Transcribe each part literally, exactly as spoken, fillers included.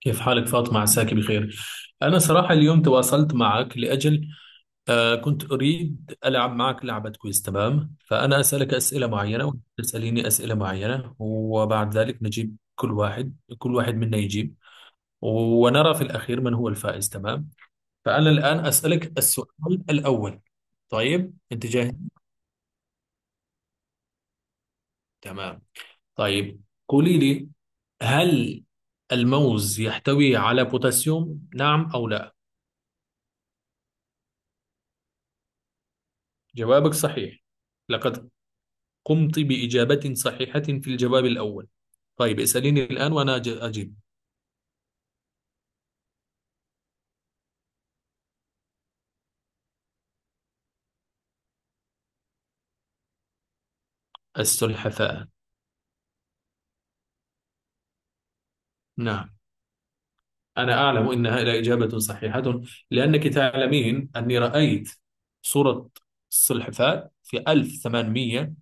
كيف حالك فاطمة عساك بخير. أنا صراحة اليوم تواصلت معك لأجل آه كنت أريد ألعب معك لعبة. كويس، تمام. فأنا أسألك أسئلة معينة وأنت تسأليني أسئلة معينة، وبعد ذلك نجيب كل واحد كل واحد منا يجيب ونرى في الأخير من هو الفائز. تمام. فأنا الآن أسألك السؤال الأول. طيب، أنت جاهز؟ تمام. طيب، قولي لي، هل الموز يحتوي على بوتاسيوم، نعم أو لا؟ جوابك صحيح، لقد قمت بإجابة صحيحة في الجواب الأول. طيب، اسأليني الآن وأنا أج- أجيب. السلحفاة. نعم، أنا أعلم إنها لا إجابة صحيحة، لأنك تعلمين أني رأيت صورة السلحفاة في ألف وثمانمية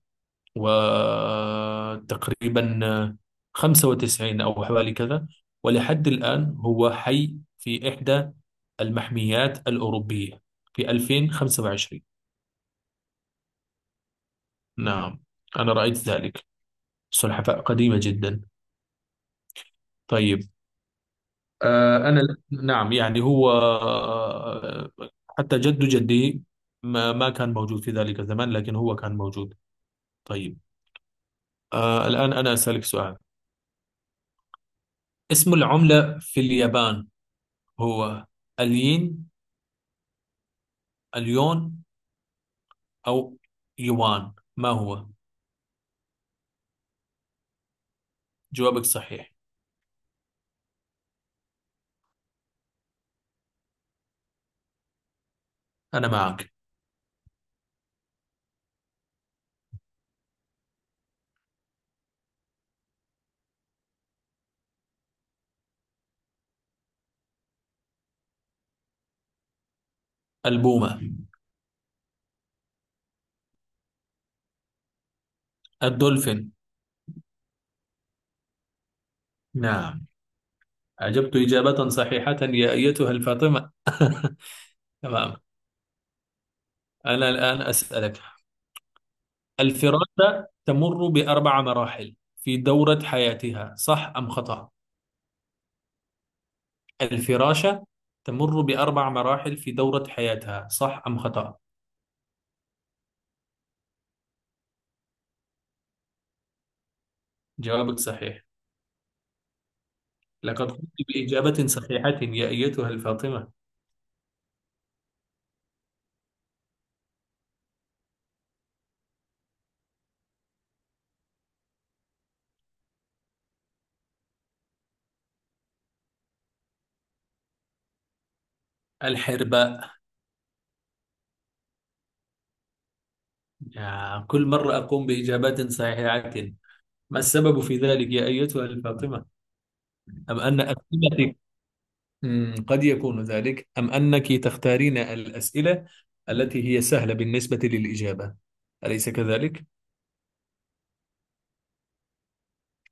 وتقريبا خمسة وتسعين أو حوالي كذا، ولحد الآن هو حي في إحدى المحميات الأوروبية في ألفين وخمسة وعشرين. نعم، أنا رأيت ذلك، سلحفاة قديمة جدا. طيب. آه، آه، أنا، نعم، يعني هو، آه، حتى جد جدي ما ما كان موجود في ذلك الزمان، لكن هو كان موجود. طيب، آه، الآن أنا أسألك سؤال. اسم العملة في اليابان، هو الين، اليون، أو يوان، ما هو؟ جوابك صحيح. أنا معك. البومة. الدولفين. نعم، أجبت إجابة صحيحة يا أيتها الفاطمة. تمام، أنا الآن أسألك، الفراشة تمر بأربع مراحل في دورة حياتها، صح أم خطأ؟ الفراشة تمر بأربع مراحل في دورة حياتها، صح أم خطأ؟ جوابك صحيح، لقد قمت بإجابة صحيحة يا أيتها الفاطمة. الحرباء. يا، كل مرة أقوم بإجابات صحيحة، ما السبب في ذلك يا أيتها الفاطمة؟ أم أن أسئلتك، مم، قد يكون ذلك، أم أنك تختارين الأسئلة التي هي سهلة بالنسبة للإجابة، أليس كذلك؟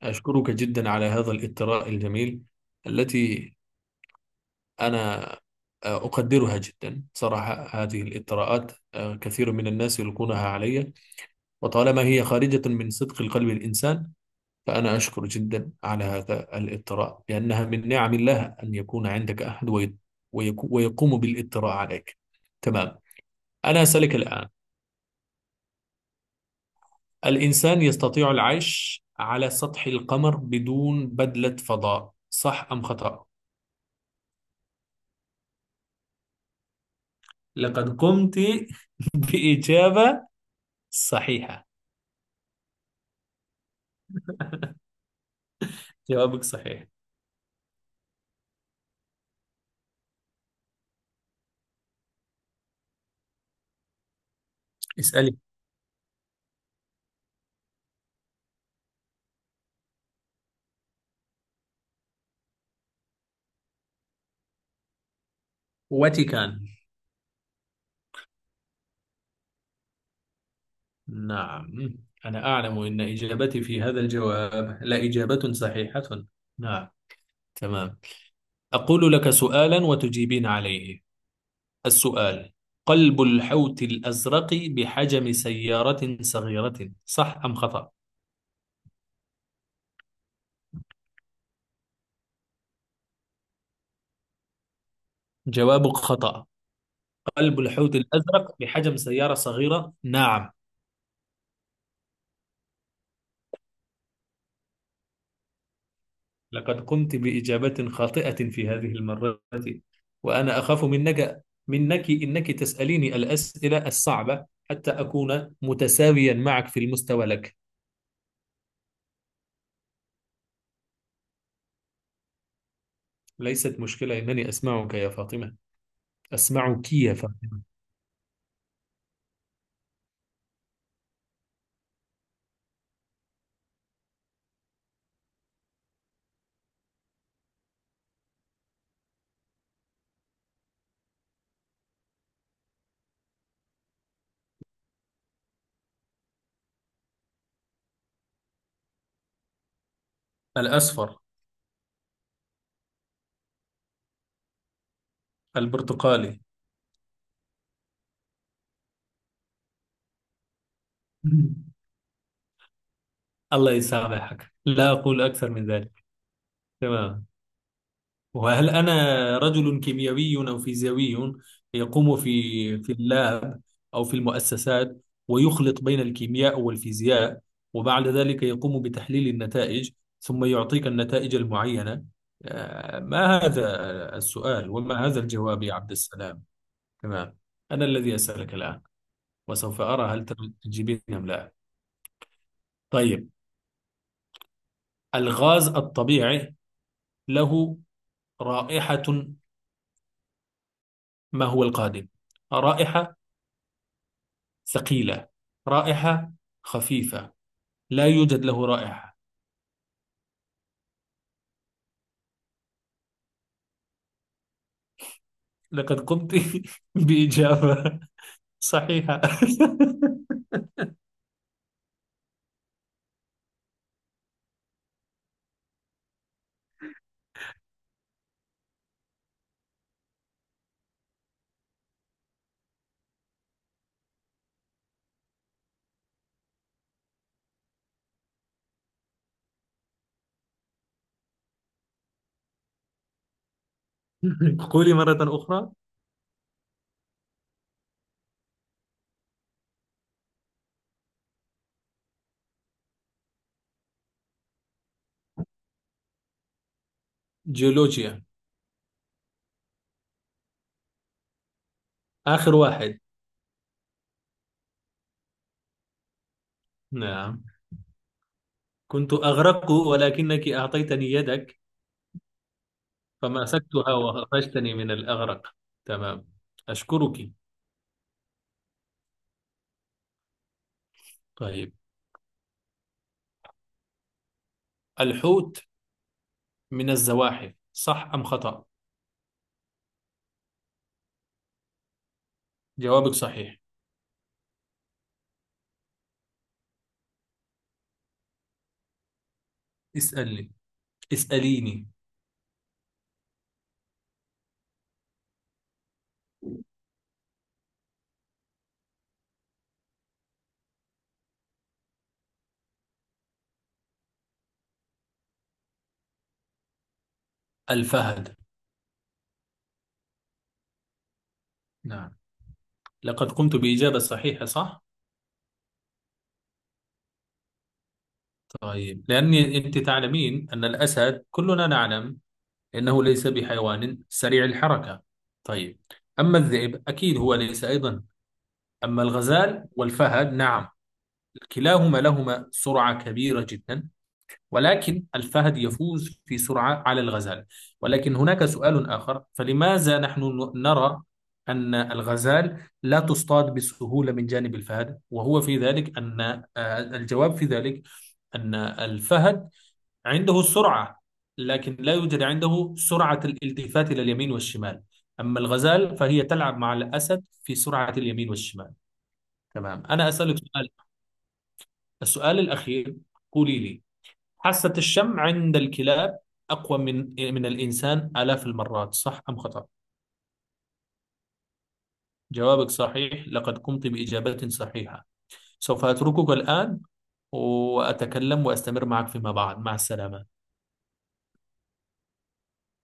أشكرك جدا على هذا الإثراء الجميل، التي أنا آه، أقدرها جدا صراحة. هذه الإثراءات، آه، كثير من الناس يلقونها علي، وطالما هي خارجة من صدق القلب الإنسان، فأنا أشكر جدا على هذا الإثراء، لأنها من نعم الله أن يكون عندك أحد وي- ويكو- ويقوم بالإثراء عليك. تمام، أنا أسألك الآن، الإنسان يستطيع العيش على سطح القمر بدون بدلة فضاء، صح أم خطأ؟ لقد قمت بإجابة صحيحة. جوابك صحيح. اسألي. واتيكان. نعم، أنا أعلم أن إجابتي في هذا الجواب لا إجابة صحيحة. نعم. تمام، أقول لك سؤالا وتجيبين عليه. السؤال، قلب الحوت الأزرق بحجم سيارة صغيرة، صح أم خطأ؟ جوابك خطأ، قلب الحوت الأزرق بحجم سيارة صغيرة؟ نعم. لقد قمت بإجابة خاطئة في هذه المرة، وأنا أخاف منك منك إنك تسأليني الأسئلة الصعبة حتى أكون متساويا معك في المستوى لك. ليست مشكلة، إنني أسمعك يا فاطمة، أسمعك يا فاطمة. الأصفر. البرتقالي. الله يسامحك، لا أقول أكثر من ذلك. تمام. وهل أنا رجل كيميائي أو فيزيائي يقوم في، في اللاب أو في المؤسسات، ويخلط بين الكيمياء والفيزياء، وبعد ذلك يقوم بتحليل النتائج، ثم يعطيك النتائج المعينة؟ آه، ما هذا السؤال وما هذا الجواب يا عبد السلام؟ تمام، أنا الذي أسألك الآن، وسوف أرى هل تجيبين أم لا. طيب، الغاز الطبيعي له رائحة، ما هو القادم؟ رائحة ثقيلة، رائحة خفيفة، لا يوجد له رائحة؟ لقد قمت بإجابة صحيحة. قولي مرة أخرى. جيولوجيا. آخر واحد. نعم، كنت أغرق ولكنك أعطيتني يدك فمسكتها وخرجتني من الأغرق. تمام، أشكرك. طيب، الحوت من الزواحف، صح أم خطأ؟ جوابك صحيح. اسألني، اسأليني. الفهد. نعم، لقد قمت بإجابة صحيحة، صح؟ طيب، لأني، أنت تعلمين أن الأسد كلنا نعلم أنه ليس بحيوان سريع الحركة. طيب. أما الذئب أكيد هو ليس أيضا، أما الغزال والفهد نعم، كلاهما لهما سرعة كبيرة جدا، ولكن الفهد يفوز في سرعة على الغزال. ولكن هناك سؤال آخر، فلماذا نحن ن- نرى أن الغزال لا تصطاد بسهولة من جانب الفهد؟ وهو في ذلك أن آه، الجواب في ذلك أن الفهد عنده السرعة، لكن لا يوجد عنده سرعة الالتفات إلى اليمين والشمال، أما الغزال فهي تلعب مع الأسد في سرعة اليمين والشمال. تمام، أنا أسألك سؤال، السؤال الأخير. قولي لي، حاسة الشم عند الكلاب أقوى من، من الإنسان آلاف المرات، صح أم خطأ؟ جوابك صحيح، لقد قمت بإجابة صحيحة. سوف أتركك الآن، وأتكلم وأستمر معك فيما بعد. مع السلامة.